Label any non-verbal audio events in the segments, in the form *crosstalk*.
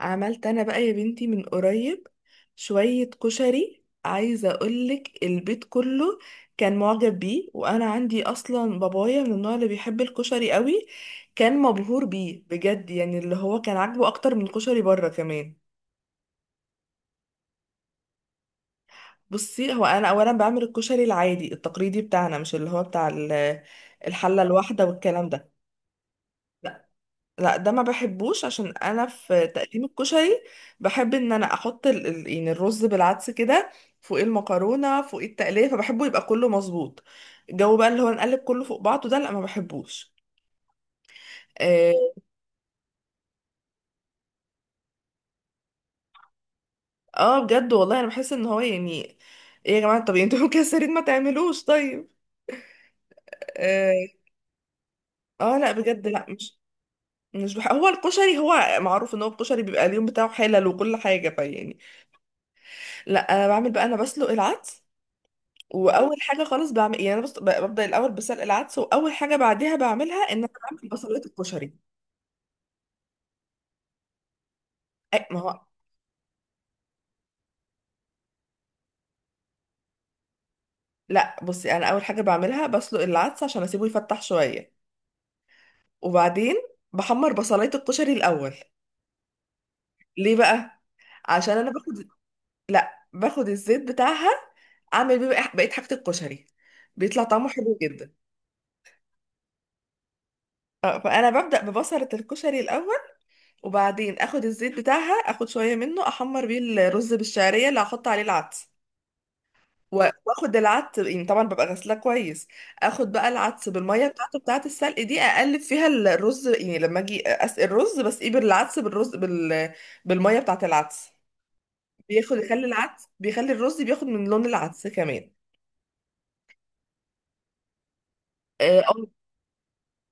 عملت انا بقى يا بنتي من قريب شوية كشري، عايزة اقولك البيت كله كان معجب بيه. وانا عندي اصلا بابايا من النوع اللي بيحب الكشري قوي، كان مبهور بيه بجد. يعني اللي هو كان عاجبه اكتر من الكشري بره كمان. بصي، هو انا اولا بعمل الكشري العادي التقليدي بتاعنا، مش اللي هو بتاع الحلة الواحدة والكلام ده. لا ده ما بحبوش، عشان انا في تقديم الكشري بحب ان انا احط يعني الرز بالعدس كده فوق المكرونه، فوق التقليه، فبحبه يبقى كله مظبوط. الجو بقى اللي هو نقلب كله فوق بعضه ده، لا ما بحبوش. اه. آه، بجد والله انا بحس ان هو يعني ايه يا جماعه. طب انتوا *laughs* مكسرين ما تعملوش طيب. اه. آه، لا بجد لا مش. هو الكشري هو معروف ان هو الكشري بيبقى اليوم بتاعه حلل وكل حاجه، فيعني لا انا بعمل بقى، انا بسلق العدس. واول حاجه خالص بعمل، يعني انا ببدا الاول بسلق العدس، واول حاجه بعديها بعملها ان انا بعمل بصلايه الكشري. أي ما هو لا بصي، انا اول حاجه بعملها بسلق العدس عشان اسيبه يفتح شويه. وبعدين بحمر بصلايه الكشري الاول. ليه بقى؟ عشان انا باخد. لا باخد الزيت بتاعها، اعمل بيه بقيه حاجه الكشري. بيطلع طعمه حلو جدا. آه، فانا ببدا ببصله الكشري الاول. وبعدين اخد الزيت بتاعها، اخد شويه منه احمر بيه الرز بالشعريه اللي هحط عليه العدس. واخد العدس، يعني طبعا ببقى غسلاه كويس. اخد بقى العدس بالميه بتاعته، بتاعه السلق دي، اقلب فيها الرز، يعني لما اجي اسقي الرز بس ايه، بالعدس بالرز بالميه بتاعه العدس. بياخد يخلي العدس، بيخلي الرز بياخد من لون العدس كمان. آه، أو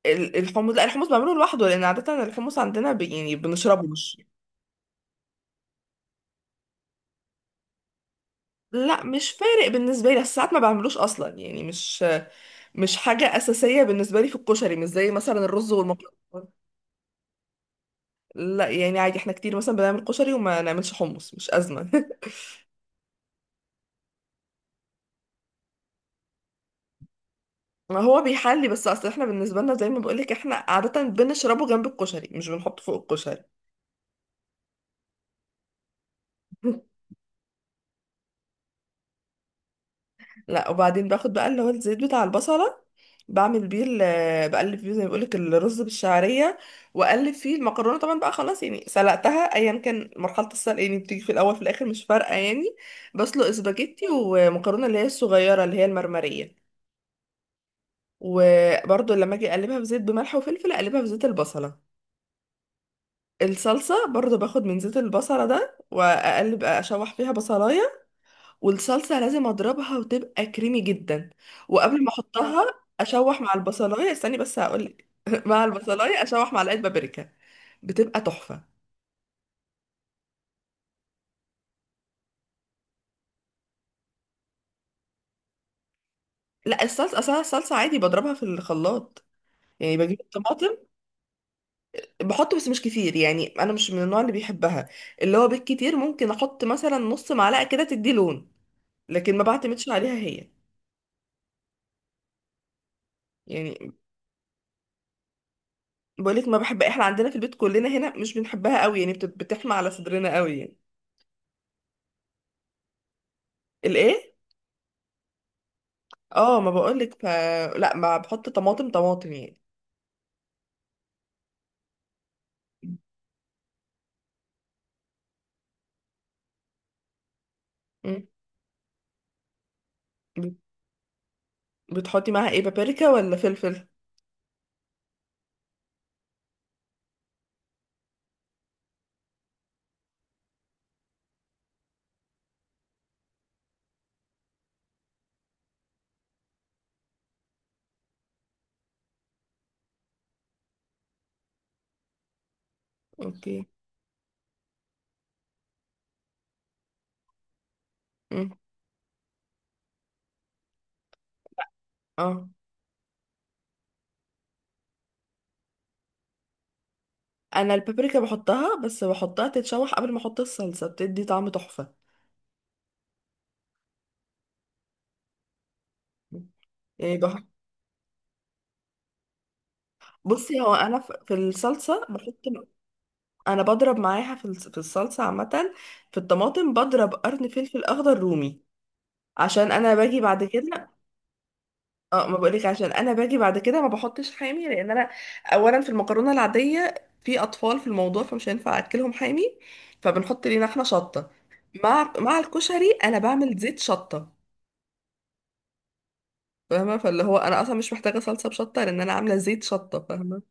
الحمص، لا الحمص بعمله لوحده، لان عاده الحمص عندنا يعني بنشربه مش. لا مش فارق بالنسبه لي، بس ساعات ما بعملوش اصلا، يعني مش مش حاجه اساسيه بالنسبه لي في الكشري، مش زي مثلا الرز والمكرونه. لا يعني عادي، احنا كتير مثلا بنعمل كشري وما نعملش حمص، مش أزمة. *laughs* ما هو بيحلي، بس اصل احنا بالنسبة لنا زي ما بقولك، احنا عادة بنشربه جنب الكشري، مش بنحطه فوق الكشري. *laughs* لا، وبعدين باخد بقى اللي هو الزيت بتاع البصلة، بعمل بيه بقلب فيه زي ما بقولك الرز بالشعرية. واقلب فيه المكرونة طبعا بقى، خلاص يعني سلقتها، ايا كان مرحلة السلق يعني، بتيجي في الاول في الاخر مش فارقة يعني. بسلق اسباجيتي ومكرونة اللي هي الصغيرة اللي هي المرمرية. وبرضو لما اجي اقلبها في زيت بملح وفلفل، اقلبها في زيت البصلة. الصلصة برضو باخد من زيت البصلة ده، وأقلب أشوح فيها بصلاية. والصلصة لازم أضربها وتبقى كريمي جدا. وقبل ما أحطها، أشوح مع البصلاية. استني بس هقولك. *laughs* مع البصلاية أشوح معلقة بابريكا، بتبقى تحفة. لا، الصلصة أصلا الصلصة عادي بضربها في الخلاط. يعني بجيب الطماطم، بحط بس مش كتير، يعني أنا مش من النوع اللي بيحبها. اللي هو بالكتير ممكن أحط مثلا نص معلقة كده تدي لون، لكن ما بعتمدش عليها هي يعني. بقولك ما بحب، احنا عندنا في البيت كلنا هنا مش بنحبها قوي، يعني بتحمى على صدرنا قوي يعني. الايه؟ اه ما بقولك ف. لا ما بحط طماطم طماطم يعني. مم. بت- بتحطي معاها ايه، بابريكا ولا فلفل؟ اوكي. مم. اه انا البابريكا بحطها، بس بحطها تتشوح قبل ما احط الصلصه، بتدي طعم تحفه. يعني بصي، هو انا في الصلصه بحط، انا بضرب معاها في في الصلصه عامه، في الطماطم بضرب قرن فلفل اخضر رومي، عشان انا باجي بعد كده. اه ما بقولك، عشان انا باجي بعد كده ما بحطش حامي، لان انا اولا في المكرونه العاديه، في اطفال في الموضوع، فمش هينفع اكلهم حامي. فبنحط لينا احنا شطه، مع الكشري انا بعمل زيت شطه. فاهمه؟ فاللي هو انا اصلا مش محتاجه صلصه بشطه، لان انا عامله زيت شطه، فاهمه.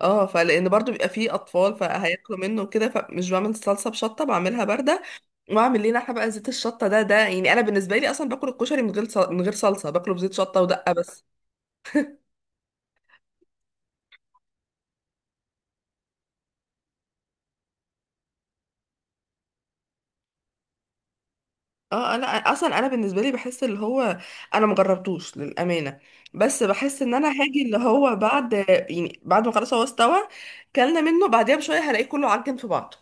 اه، فلان برضو بيبقى فيه اطفال فهياكلوا منه كده، فمش بعمل صلصه بشطه، بعملها بارده. واعمل لينا احنا بقى زيت الشطه ده يعني انا بالنسبه لي اصلا باكل الكشري من غير من غير صلصه، باكله بزيت شطه ودقه بس. اه انا اصلا، انا بالنسبه لي بحس اللي هو انا مجربتوش للامانه، بس بحس ان انا هاجي اللي هو بعد، يعني بعد ما خلاص هو استوى كلنا منه بعديها بشويه، هلاقيه كله عجن في بعضه.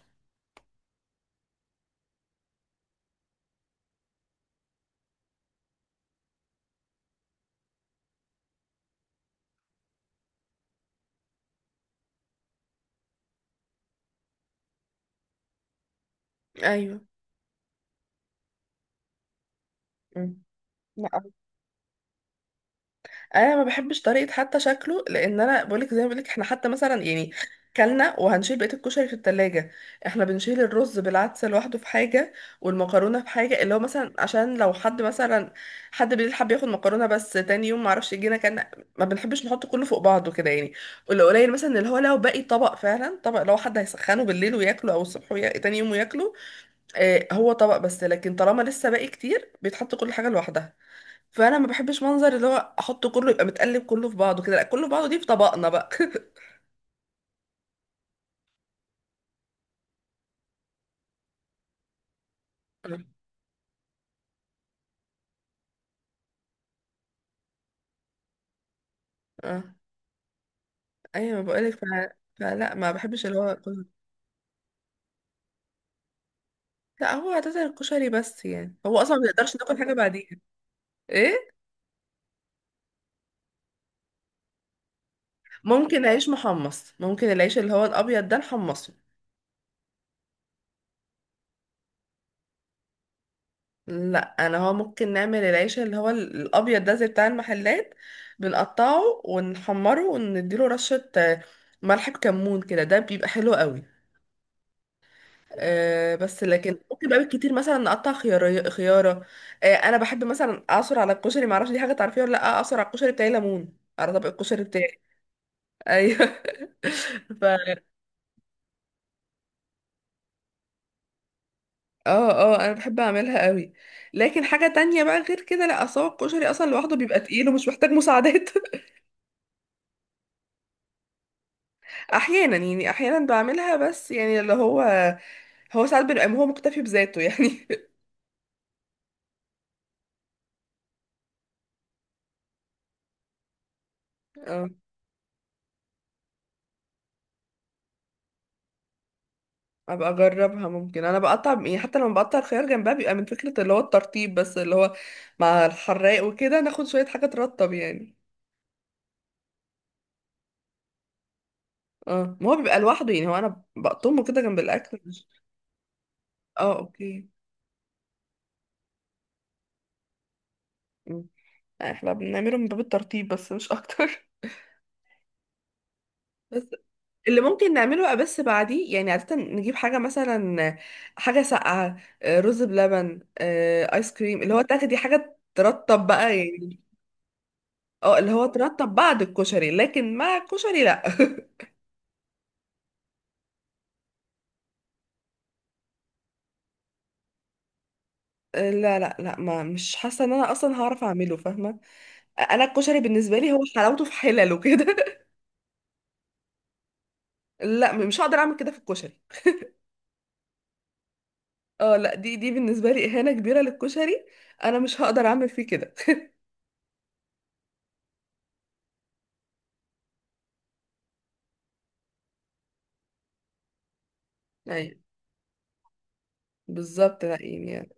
ايوه. مم. لا انا ما بحبش طريقه حتى شكله، لان انا بقولك زي ما بقولك، احنا حتى مثلا يعني كلنا وهنشيل بقيه الكشري في التلاجة، احنا بنشيل الرز بالعدس لوحده في حاجه، والمكرونه في حاجه، اللي هو مثلا عشان لو حد مثلا حد بالليل حب ياخد مكرونه بس تاني يوم، معرفش يجينا كان. ما بنحبش نحط كله فوق بعضه كده يعني. واللي قليل مثلا، اللي هو لو باقي طبق فعلا طبق، لو حد هيسخنه بالليل وياكله او الصبح تاني يوم وياكله، آه هو طبق. بس لكن طالما لسه باقي كتير، بيتحط كل حاجه لوحدها. فانا ما بحبش منظر اللي هو احطه كله يبقى متقلب كله في بعضه كده. لا كله في بعضه دي في طبقنا بقى. *laughs* اه. ايوه بقولك فلا ما بحبش اللي هو كله. لا هو عادة الكشري بس يعني، هو اصلا ما بنقدرش ناكل حاجه بعديها. ايه؟ ممكن عيش محمص، ممكن العيش اللي هو الابيض ده نحمصه. لا انا هو ممكن نعمل العيش اللي هو الابيض ده زي بتاع المحلات، بنقطعه ونحمره ونديله رشه ملح بكمون كده، ده بيبقى حلو قوي. آه بس لكن ممكن بقى كتير مثلا نقطع خيار خياره. آه انا بحب مثلا اعصر على الكشري، معرفش دي حاجه تعرفيها ولا لا، اعصر على الكشري بتاعي ليمون، على طبق الكشري بتاعي. ايوه. *laughs* ف اه اه انا بحب اعملها قوي. لكن حاجه تانية بقى غير كده لا، اصل هو الكشري اصلا لوحده بيبقى تقيل ومش محتاج مساعدات. *laughs* احيانا يعني، احيانا بعملها بس يعني اللي هو، هو ساعات بيبقى هو مكتفي بذاته يعني. *laughs* اه. ابقى اجربها. ممكن انا بقطع يعني، حتى لما بقطع الخيار جنبها بيبقى من فكرة اللي هو الترطيب بس، اللي هو مع الحراق وكده ناخد شوية حاجة ترطب يعني. اه ما هو بيبقى لوحده، يعني هو انا بقطمه كده جنب الاكل مش. اه اوكي. مم. احنا بنعمله من باب الترطيب بس، مش اكتر. *laughs* بس اللي ممكن نعمله بقى بس بعديه، يعني عادة نجيب حاجة مثلا، حاجة ساقعة، رز بلبن، آيس كريم، اللي هو تاخدي حاجة ترطب بقى يعني. اه اللي هو ترطب بعد الكشري، لكن مع الكشري لا. *laughs* لا لا لا، ما مش حاسه ان انا اصلا هعرف اعمله، فاهمه. انا الكشري بالنسبه لي هو حلاوته في حلله كده. *laughs* لا مش هقدر اعمل كده في الكشري. اه لا، دي بالنسبه لي اهانه كبيره للكشري، انا مش هقدر اعمل فيه كده. *laughs* ايوه بالظبط، لا يعني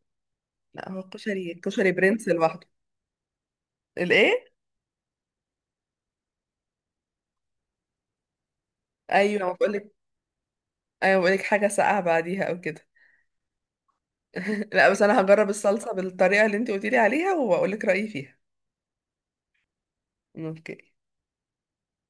لا، هو الكشري الكشري برنس لوحده. الايه؟ ايوه بقول لك. ايوه بقول لك حاجه ساقعه بعديها او كده. *laughs* لا بس انا هجرب الصلصه بالطريقه اللي انت قلتي لي عليها، وبقول لك رايي فيها. اوكي.